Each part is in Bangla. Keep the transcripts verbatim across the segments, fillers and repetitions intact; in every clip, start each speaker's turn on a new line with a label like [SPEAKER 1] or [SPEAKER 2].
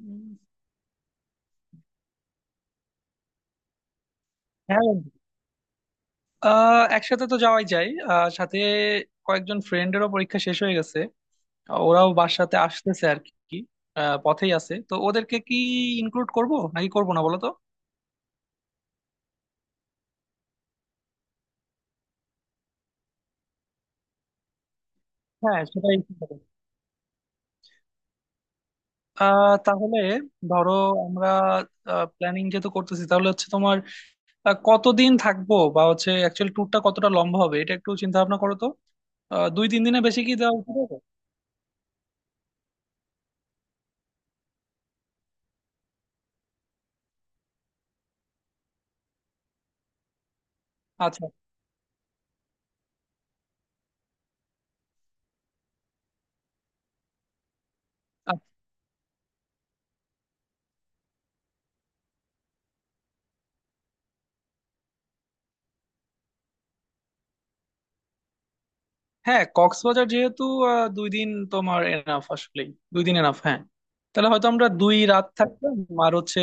[SPEAKER 1] উম, হ্যাঁ বন্ধু। আহ একসাথে তো যাওয়াই যায়, আহ সাথে কয়েকজন ফ্রেন্ডেরও পরীক্ষা শেষ হয়ে গেছে। আহ, ওরাও বাসাতে আসতেছে আর কি, আহ, পথেই আছে, তো ওদেরকে কি ইনক্লুড করব নাকি করব না বলো তো। হ্যাঁ সেটাই ঠিক হবে। আহ তাহলে ধরো আমরা প্ল্যানিং যেহেতু করতেছি তাহলে হচ্ছে তোমার আহ, কতদিন থাকবো, বা হচ্ছে অ্যাকচুয়ালি ট্যুরটা কতটা লম্বা হবে এটা একটু চিন্তা ভাবনা করো তো। আহ, দুই তিন দিনে বেশি কি দেওয়া উচিত হবে? আচ্ছা, হ্যাঁ কক্সবাজার যেহেতু আহ, দুই দিন তোমার এনাফ আসলেই, দুই দিন এনাফ। হ্যাঁ, তাহলে হয়তো আমরা দুই রাত থাকলাম আর হচ্ছে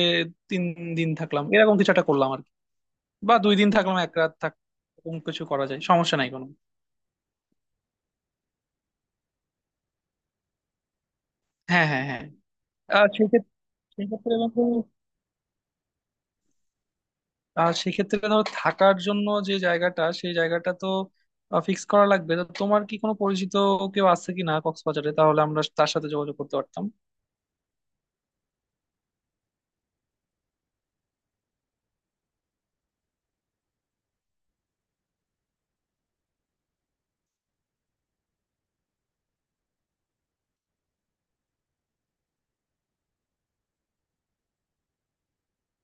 [SPEAKER 1] তিন দিন থাকলাম, এরকম কিছু একটা করলাম আর কি। বা দুই দিন থাকলাম এক রাত থাক, এরকম কিছু করা যায়, সমস্যা নাই কোনো। হ্যাঁ হ্যাঁ হ্যাঁ, আর সেক্ষেত্রে, সেক্ষেত্রে বন্ধু, আহ, সেক্ষেত্রে ধরো থাকার জন্য যে জায়গাটা, সেই জায়গাটা তো ফিক্স করা লাগবে। তো তোমার কি কোনো পরিচিত কেউ আছে কি না কক্সবাজারে? তাহলে আমরা তার সাথে যোগাযোগ করতে পারতাম।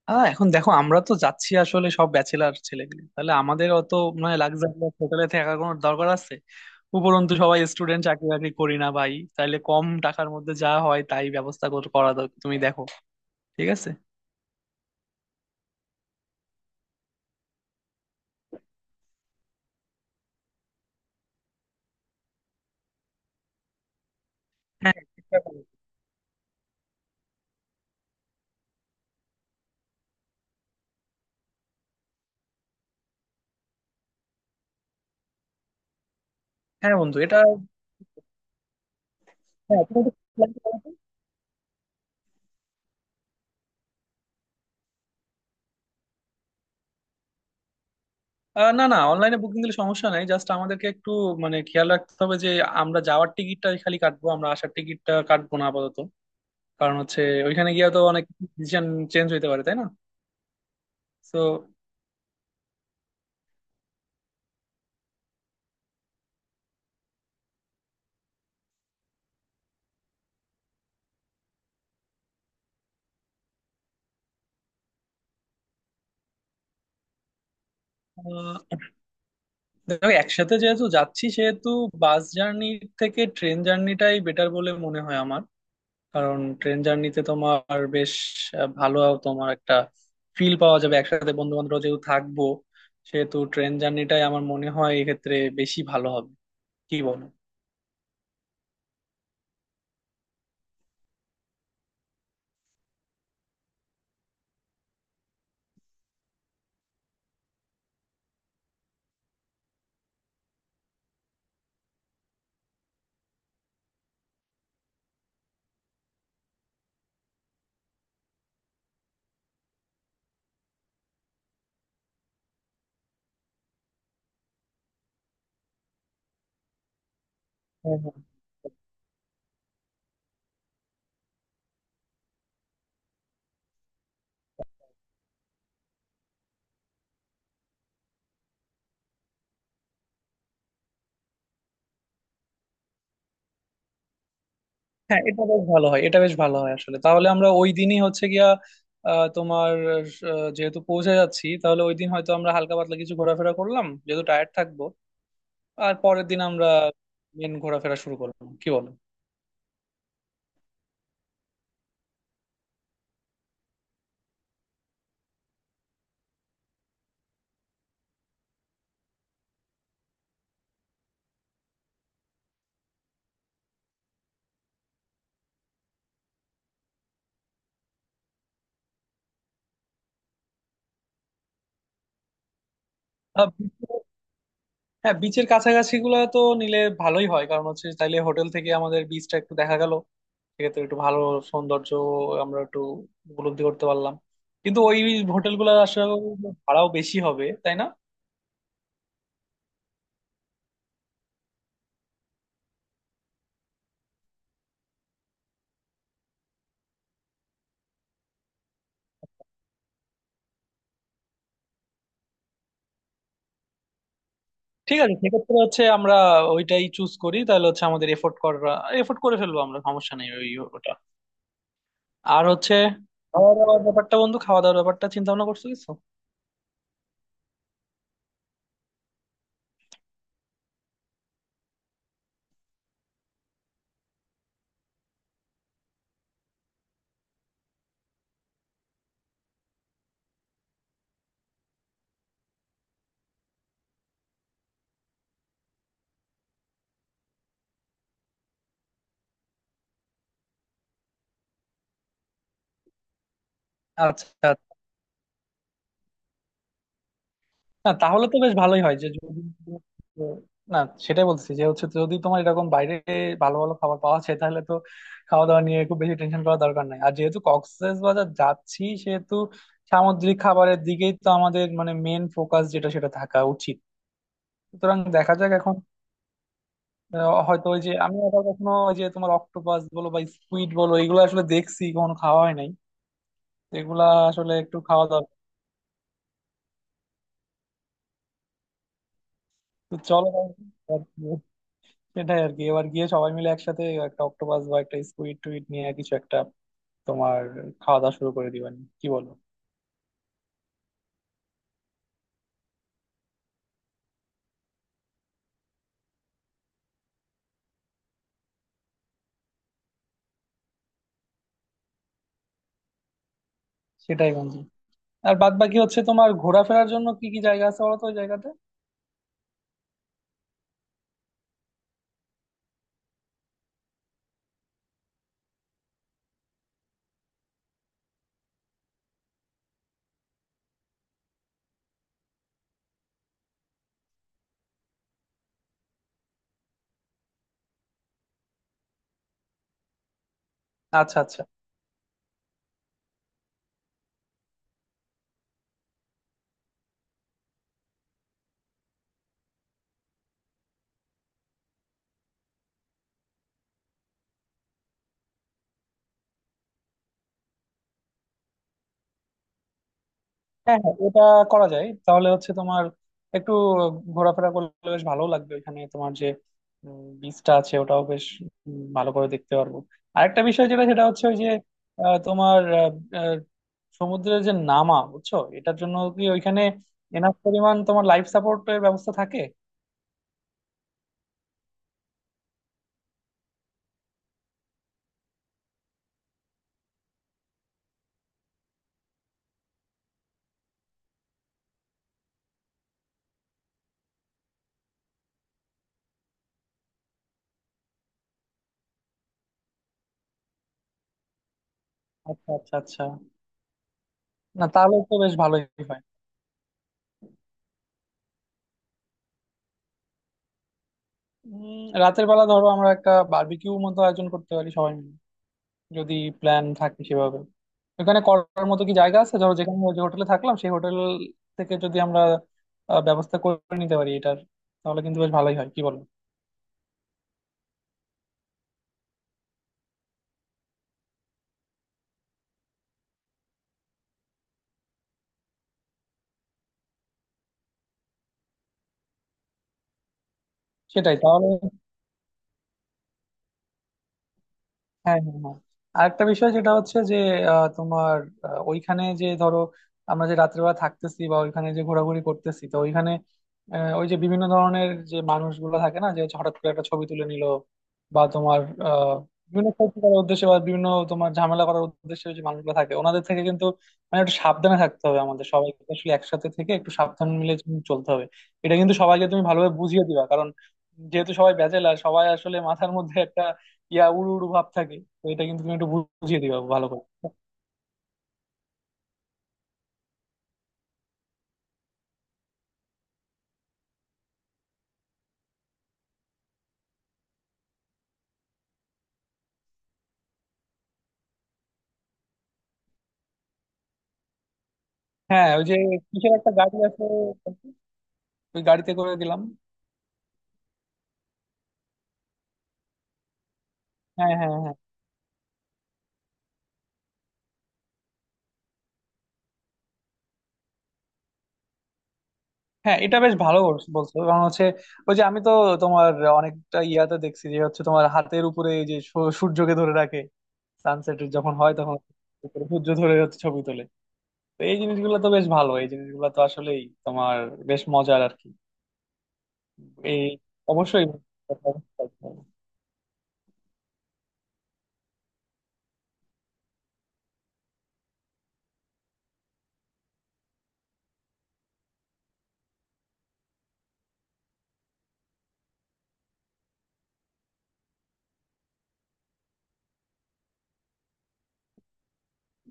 [SPEAKER 1] আহ এখন দেখো, আমরা তো যাচ্ছি আসলে সব ব্যাচেলার ছেলেগুলি, তাহলে আমাদের অত মানে লাক্সারি হোটেলে থাকার কোনো দরকার আছে? উপরন্তু সবাই স্টুডেন্ট, চাকরি বাকরি করি না ভাই, তাহলে কম টাকার মধ্যে যা হয় তাই ব্যবস্থা কর- করা দরকার, তুমি দেখো। ঠিক আছে, হ্যাঁ এটা ভালো। হ্যাঁ বন্ধু, এটা হ্যাঁ, তুমি একটু plan করো তো। আহ, না না, অনলাইনে বুকিং দিলে সমস্যা নাই, জাস্ট আমাদেরকে একটু মানে খেয়াল রাখতে হবে যে আমরা যাওয়ার টিকিটটা খালি কাটবো, আমরা আসার টিকিটটা কাটবো না আপাতত, কারণ হচ্ছে ওইখানে গিয়ে তো অনেক ডিসিশন চেঞ্জ হইতে পারে, তাই না? তো দেখো, একসাথে যেহেতু যাচ্ছি সেহেতু বাস জার্নির থেকে ট্রেন জার্নিটাই বেটার বলে মনে হয় আমার। কারণ ট্রেন জার্নিতে তোমার বেশ আহ, ভালো তোমার একটা ফিল পাওয়া যাবে, একসাথে বন্ধু বান্ধব যেহেতু থাকবো, সেহেতু ট্রেন জার্নিটাই আমার মনে হয় এক্ষেত্রে বেশি ভালো হবে, কি বলো? হ্যাঁ হ্যাঁ হ্যাঁ, এটা বেশ ভালো হয়, এটা বেশ ভালো হয় আসলে। তাহলে আমরা ওই দিনই হচ্ছে গিয়া আহ, তোমার আহ, যেহেতু পৌঁছে যাচ্ছি, তাহলে ওই দিন হয়তো আমরা হালকা পাতলা কিছু ঘোরাফেরা করলাম, যেহেতু টায়ার্ড থাকবো, আর পরের দিন আমরা মেন ঘোরাফেরা শুরু করলাম, কি বলো? আহ, beach- হ্যাঁ, বিচের কাছাকাছি গুলো তো নিলে ভালোই হয়, কারণ হচ্ছে তাইলে হোটেল থেকে আমাদের বিচটা একটু দেখা গেল। সেক্ষেত্রে একটু ভালো সৌন্দর্য আমরা একটু উপলব্ধি করতে পারলাম। কিন্তু ওই হোটেল গুলো আসলে ভাড়াও বেশি হবে, তাই না? ঠিক আছে, সেক্ষেত্রে হচ্ছে আমরা ওইটাই চুজ করি। তাহলে হচ্ছে আমাদের এফোর্ট করা, এফোর্ট করে ফেলবো আমরা, সমস্যা নেই, ওই ওটা। আর হচ্ছে খাওয়া দাওয়ার ব্যাপারটা বন্ধু, খাওয়া দাওয়ার ব্যাপারটা চিন্তা ভাবনা করছো কিছু? আচ্ছা, না তাহলে তো বেশ ভালোই হয় যে যদি, না সেটাই বলছি যে হচ্ছে যদি তোমার এরকম বাইরে ভালো ভালো খাবার পাওয়া যায়, তাহলে তো খাওয়া দাওয়া নিয়ে খুব বেশি টেনশন করার দরকার নাই। আর যেহেতু কক্সবাজার যাচ্ছি সেহেতু সামুদ্রিক খাবারের দিকেই তো আমাদের মানে মেন ফোকাস যেটা সেটা থাকা উচিত। সুতরাং দেখা যাক এখন। আহ, হয়তো ওই যে আমি আবার কখনো, ওই যে তোমার অক্টোপাস বলো বা স্কুইড বলো, এগুলো আসলে দেখছি কখনো খাওয়া হয় নাই। এগুলা আসলে একটু খাওয়া দাওয়া, তো চলো সেটাই আর কি, এবার গিয়ে সবাই মিলে একসাথে একটা অক্টোপাস বা একটা স্কুইড টুইট নিয়ে কিছু একটা তোমার খাওয়া দাওয়া শুরু করে দিবানি, কি বলো? সেটাই বন্ধু। আর বাদ বাকি হচ্ছে তোমার ঘোরাফেরার জন্য কি কি জায়গা আছে বলো তো ওই জায়গাতে? আচ্ছা আচ্ছা, হ্যাঁ হ্যাঁ ওটা করা যায়। তাহলে হচ্ছে তোমার একটু ঘোরাফেরা করলে বেশ ভালো লাগবে। ওইখানে তোমার যে উম, বিচটা আছে, ওটাও বেশ উম, ভালো করে দেখতে পারবো। আরেকটা বিষয় যেটা সেটা হচ্ছে ওই যে, আহ, তোমার, আহ, আহ, সমুদ্রের যে নামা বুঝছো, এটার জন্য কি ওইখানে এনাফ পরিমাণ তোমার লাইফ সাপোর্টের ব্যবস্থা থাকে? আচ্ছা আচ্ছা আচ্ছা, না তাহলে তো বেশ ভালোই হয়। উম, রাতের বেলা ধরো আমরা একটা বারবিকিউ মতো আয়োজন করতে পারি সবাই মিলে, যদি প্ল্যান থাকে সেভাবে। ওখানে করার মতো কি জায়গা আছে ধরো, যেখানে যে হোটেলে থাকলাম সেই হোটেল থেকে যদি আমরা আহ, ব্যবস্থা করে নিতে পারি এটার, তাহলে কিন্তু বেশ ভালোই হয়, কি বলবো? সেটাই তাহলে। হ্যাঁ হ্যাঁ হ্যাঁ, আরেকটা বিষয় যেটা হচ্ছে যে আহ, তোমার, আহ, ওইখানে যে ধরো আমরা যে রাত্রেবেলা থাকতেছি বা ওইখানে যে ঘোরাঘুরি করতেছি, তো ওইখানে আহ, ওই যে বিভিন্ন ধরনের যে মানুষগুলো থাকে না, যে হচ্ছে হঠাৎ করে একটা ছবি তুলে নিল, বা তোমার আহ বিভিন্ন ক্ষতি করার উদ্দেশ্যে বা বিভিন্ন তোমার ঝামেলা করার উদ্দেশ্যে যে মানুষগুলো থাকে, ওনাদের থেকে কিন্তু মানে একটু সাবধানে থাকতে হবে। আমাদের সবাইকে আসলে একসাথে থেকে একটু সাবধান মিলে চলতে হবে। এটা কিন্তু সবাইকে তুমি ভালোভাবে বুঝিয়ে দিবা, কারণ যেহেতু সবাই ব্যাচেলার, সবাই আসলে মাথার মধ্যে ইয়া উড়ু উড়ু ভাব থাকে, তো এটা কিন্তু তুমি একটু বুঝিয়ে দিবা ভালো করে। হ্যাঁ ওই যে কিসের একটা গাড়ি আছে, ওই গাড়িতে করে দিলাম। হ্যাঁ হ্যাঁ হ্যাঁ, হ্যাঁ এটা বেশ ভালো বলছ- বলছো, কারণ হচ্ছে ওই যে আমি তো তোমার অনেকটা ইয়াতে দেখছি যে হচ্ছে তোমার হাতের উপরে, এই যে সূ- সূর্যকে ধরে রাখে, সানসেট যখন হয় তখন উপরে সূর্য ধরে হচ্ছে ছবি তোলে। তো এই জিনিসগুলো তো বেশ ভালো, এই জিনিসগুলো তো আসলেই তোমার বেশ মজার আর কি। এই অবশ্যই।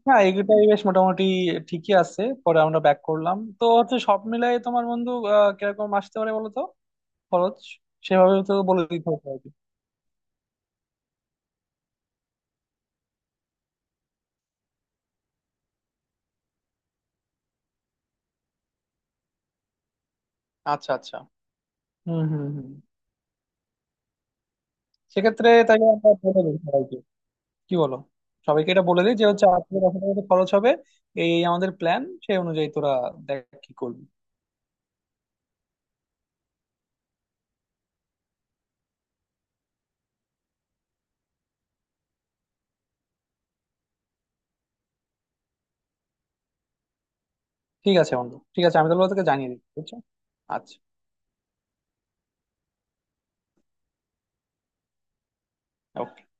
[SPEAKER 1] না এগুলোই বেশ মোটামুটি ঠিকই আছে। পরে আমরা ব্যাক করলাম, তো হচ্ছে সব মিলাই তোমার বন্ধু, আহ কিরকম আসতে পারে বলো তো খরচ? সেভাবে তো বলে দিতে হবে আর কি। আচ্ছা আচ্ছা, হুম হুম হুম। সেক্ষেত্রে তাহলে আমরা বলে দিই সবাইকে, কি বলো? সবাইকে এটা বলে দিই যে হচ্ছে আট থেকে দশ হাজার মতো খরচ হবে, এই এই আমাদের প্ল্যান, সেই অনুযায়ী তোরা দেখ কি করবি। ঠিক আছে বন্ধু, ঠিক আছে, আমি তাহলে তোকে জানিয়ে দিচ্ছি বুঝছো। আচ্ছা, okay.